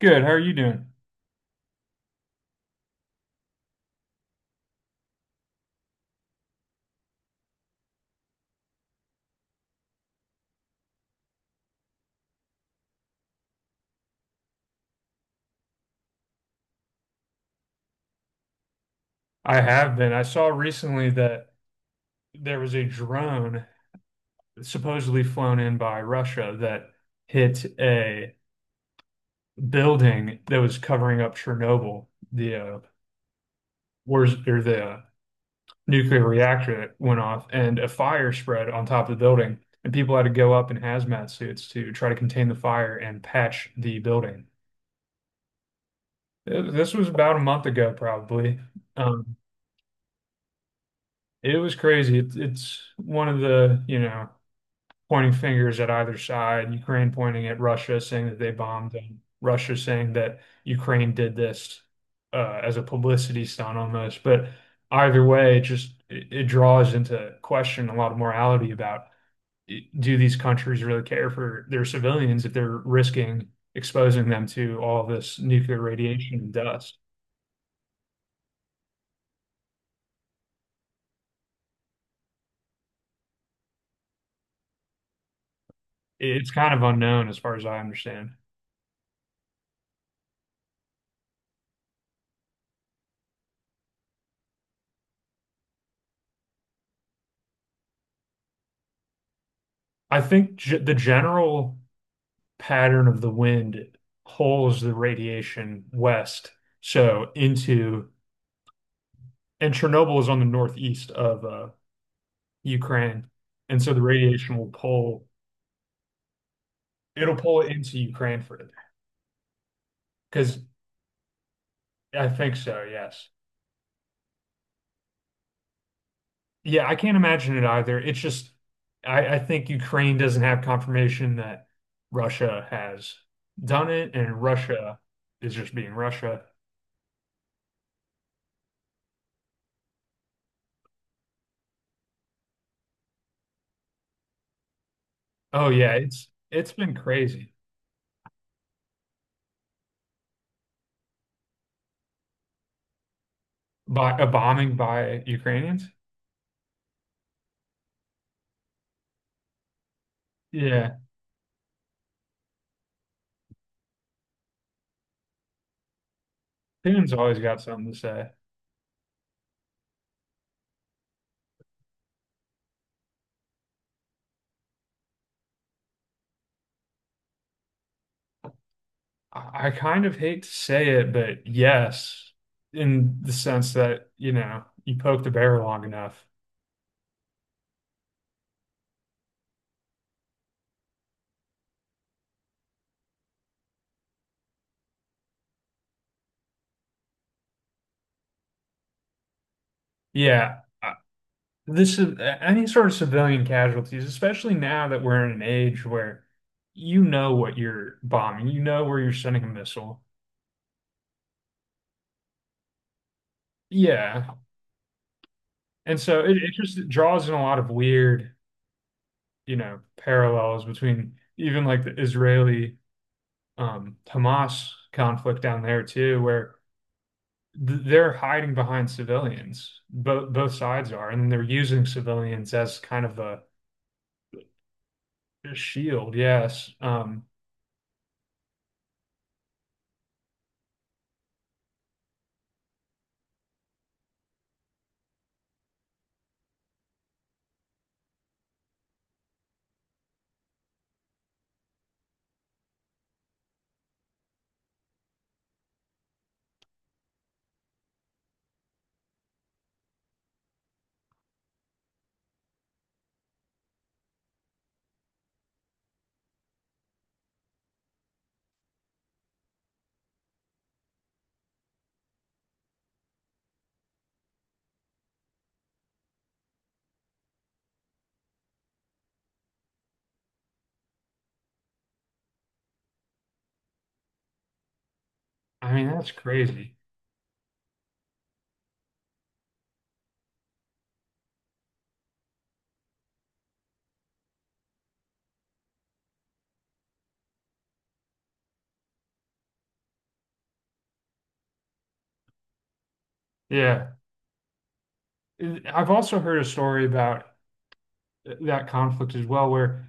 Good. How are you doing? I have been. I saw recently that there was a drone supposedly flown in by Russia that hit a building that was covering up Chernobyl, the wars or the nuclear reactor that went off, and a fire spread on top of the building, and people had to go up in hazmat suits to try to contain the fire and patch the building. This was about a month ago, probably. Um, it was crazy. It's one of the pointing fingers at either side, Ukraine pointing at Russia, saying that they bombed them, Russia saying that Ukraine did this as a publicity stunt almost. But either way, it draws into question a lot of morality about do these countries really care for their civilians if they're risking exposing them to all this nuclear radiation and dust? It's kind of unknown as far as I understand. I think the general pattern of the wind pulls the radiation west, so into, and Chernobyl is on the northeast of Ukraine, and so the radiation will it'll pull it into Ukraine further. Because I think so, yes. Yeah, I can't imagine it either. I think Ukraine doesn't have confirmation that Russia has done it, and Russia is just being Russia. Oh yeah, it's been crazy. By a bombing by Ukrainians? Yeah, Tatum's always got something to say. I kind of hate to say it, but yes, in the sense that, you know, you poke the bear long enough. Yeah, I- this is any sort of civilian casualties, especially now that we're in an age where you know what you're bombing, you know where you're sending a missile. Yeah. And so it just draws in a lot of weird, you know, parallels between even like the Israeli Hamas conflict down there too, where they're hiding behind civilians. Both sides are, and they're using civilians as kind of a shield. Yes. I mean, that's crazy. Yeah. I've also heard a story about that conflict as well, where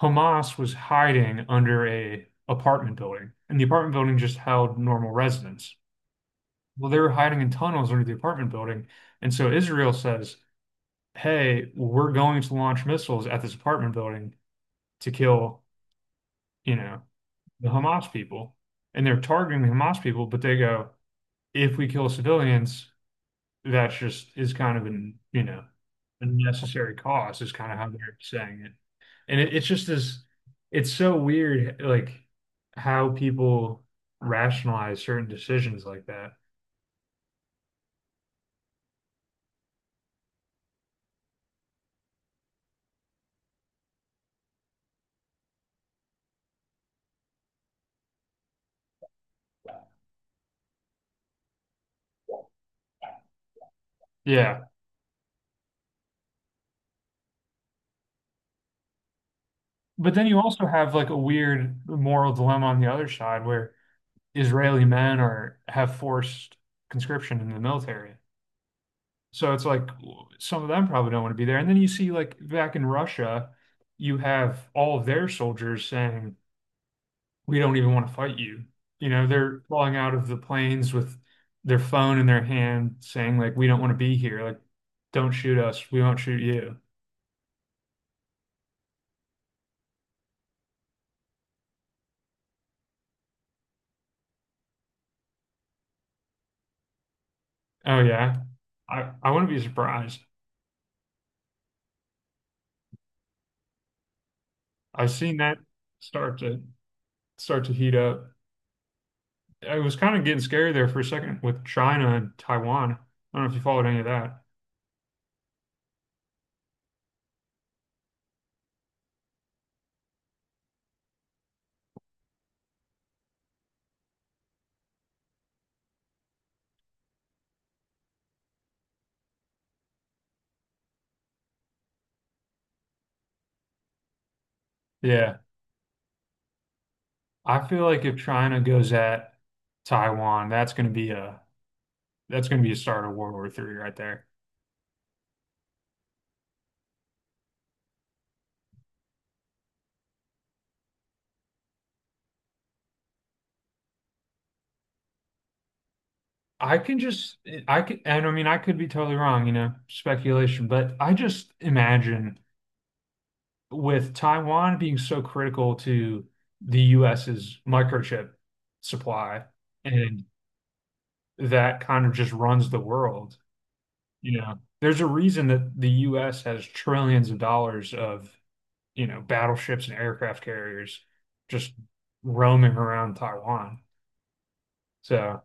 Hamas was hiding under a apartment building, and the apartment building just held normal residents. Well, they were hiding in tunnels under the apartment building, and so Israel says, "Hey, we're going to launch missiles at this apartment building to kill, you know, the Hamas people, and they're targeting the Hamas people, but they go, if we kill civilians, that's just is kind of an, you know, a necessary cost, is kind of how they're saying it. And it's just this, it's so weird, like how people rationalize certain decisions like that. Yeah. But then you also have like a weird moral dilemma on the other side where Israeli men are have forced conscription in the military. So it's like some of them probably don't want to be there. And then you see like back in Russia, you have all of their soldiers saying, "We don't even want to fight you." You know, they're falling out of the planes with their phone in their hand saying like, "We don't want to be here. Like, don't shoot us. We won't shoot you." Oh yeah. I wouldn't be surprised. I've seen that start to start to heat up. It was kind of getting scary there for a second with China and Taiwan. I don't know if you followed any of that. Yeah. I feel like if China goes at Taiwan, that's going to be a that's going to be a start of World War III right there. I can just I can and I mean I could be totally wrong, you know, speculation, but I just imagine with Taiwan being so critical to the US's microchip supply and that kind of just runs the world, you know. There's a reason that the US has trillions of dollars of you know, battleships and aircraft carriers just roaming around Taiwan. So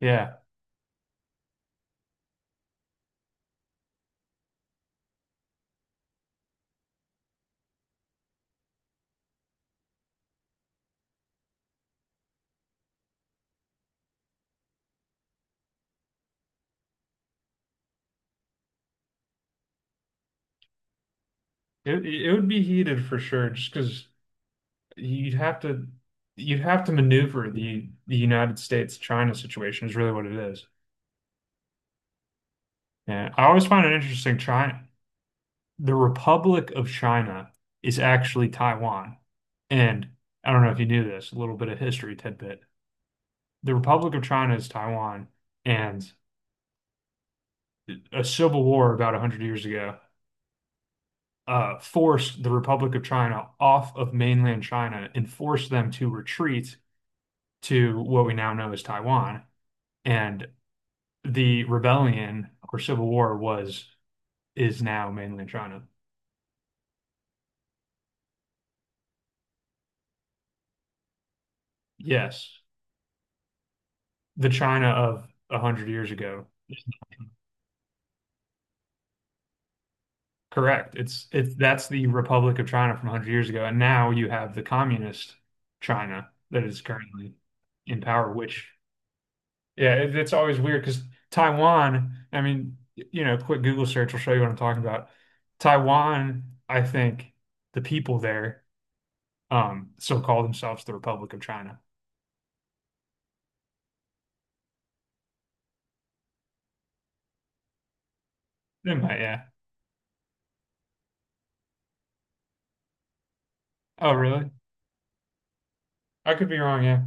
yeah, it would be heated for sure, just because you'd have to you'd have to maneuver the United States China situation is really what it is. Yeah, I always find it interesting. China, the Republic of China is actually Taiwan, and I don't know if you knew this, a little bit of history tidbit. The Republic of China is Taiwan, and a civil war about 100 years ago forced the Republic of China off of mainland China and forced them to retreat to what we now know as Taiwan. And the rebellion or civil war was is now mainland China. Yes, the China of 100 years ago. Correct. It's that's the Republic of China from 100 years ago, and now you have the communist China that is currently in power, which yeah, it's always weird because Taiwan, I mean, you know, quick Google search will show you what I'm talking about. Taiwan, I think the people there still call themselves the Republic of China. They might, yeah. Oh, really? I could be wrong, yeah.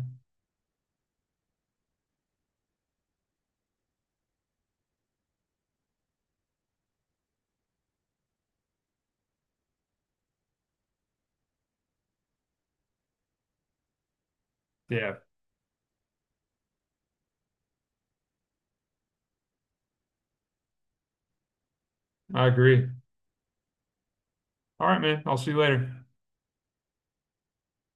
Yeah, I agree. All right, man. I'll see you later.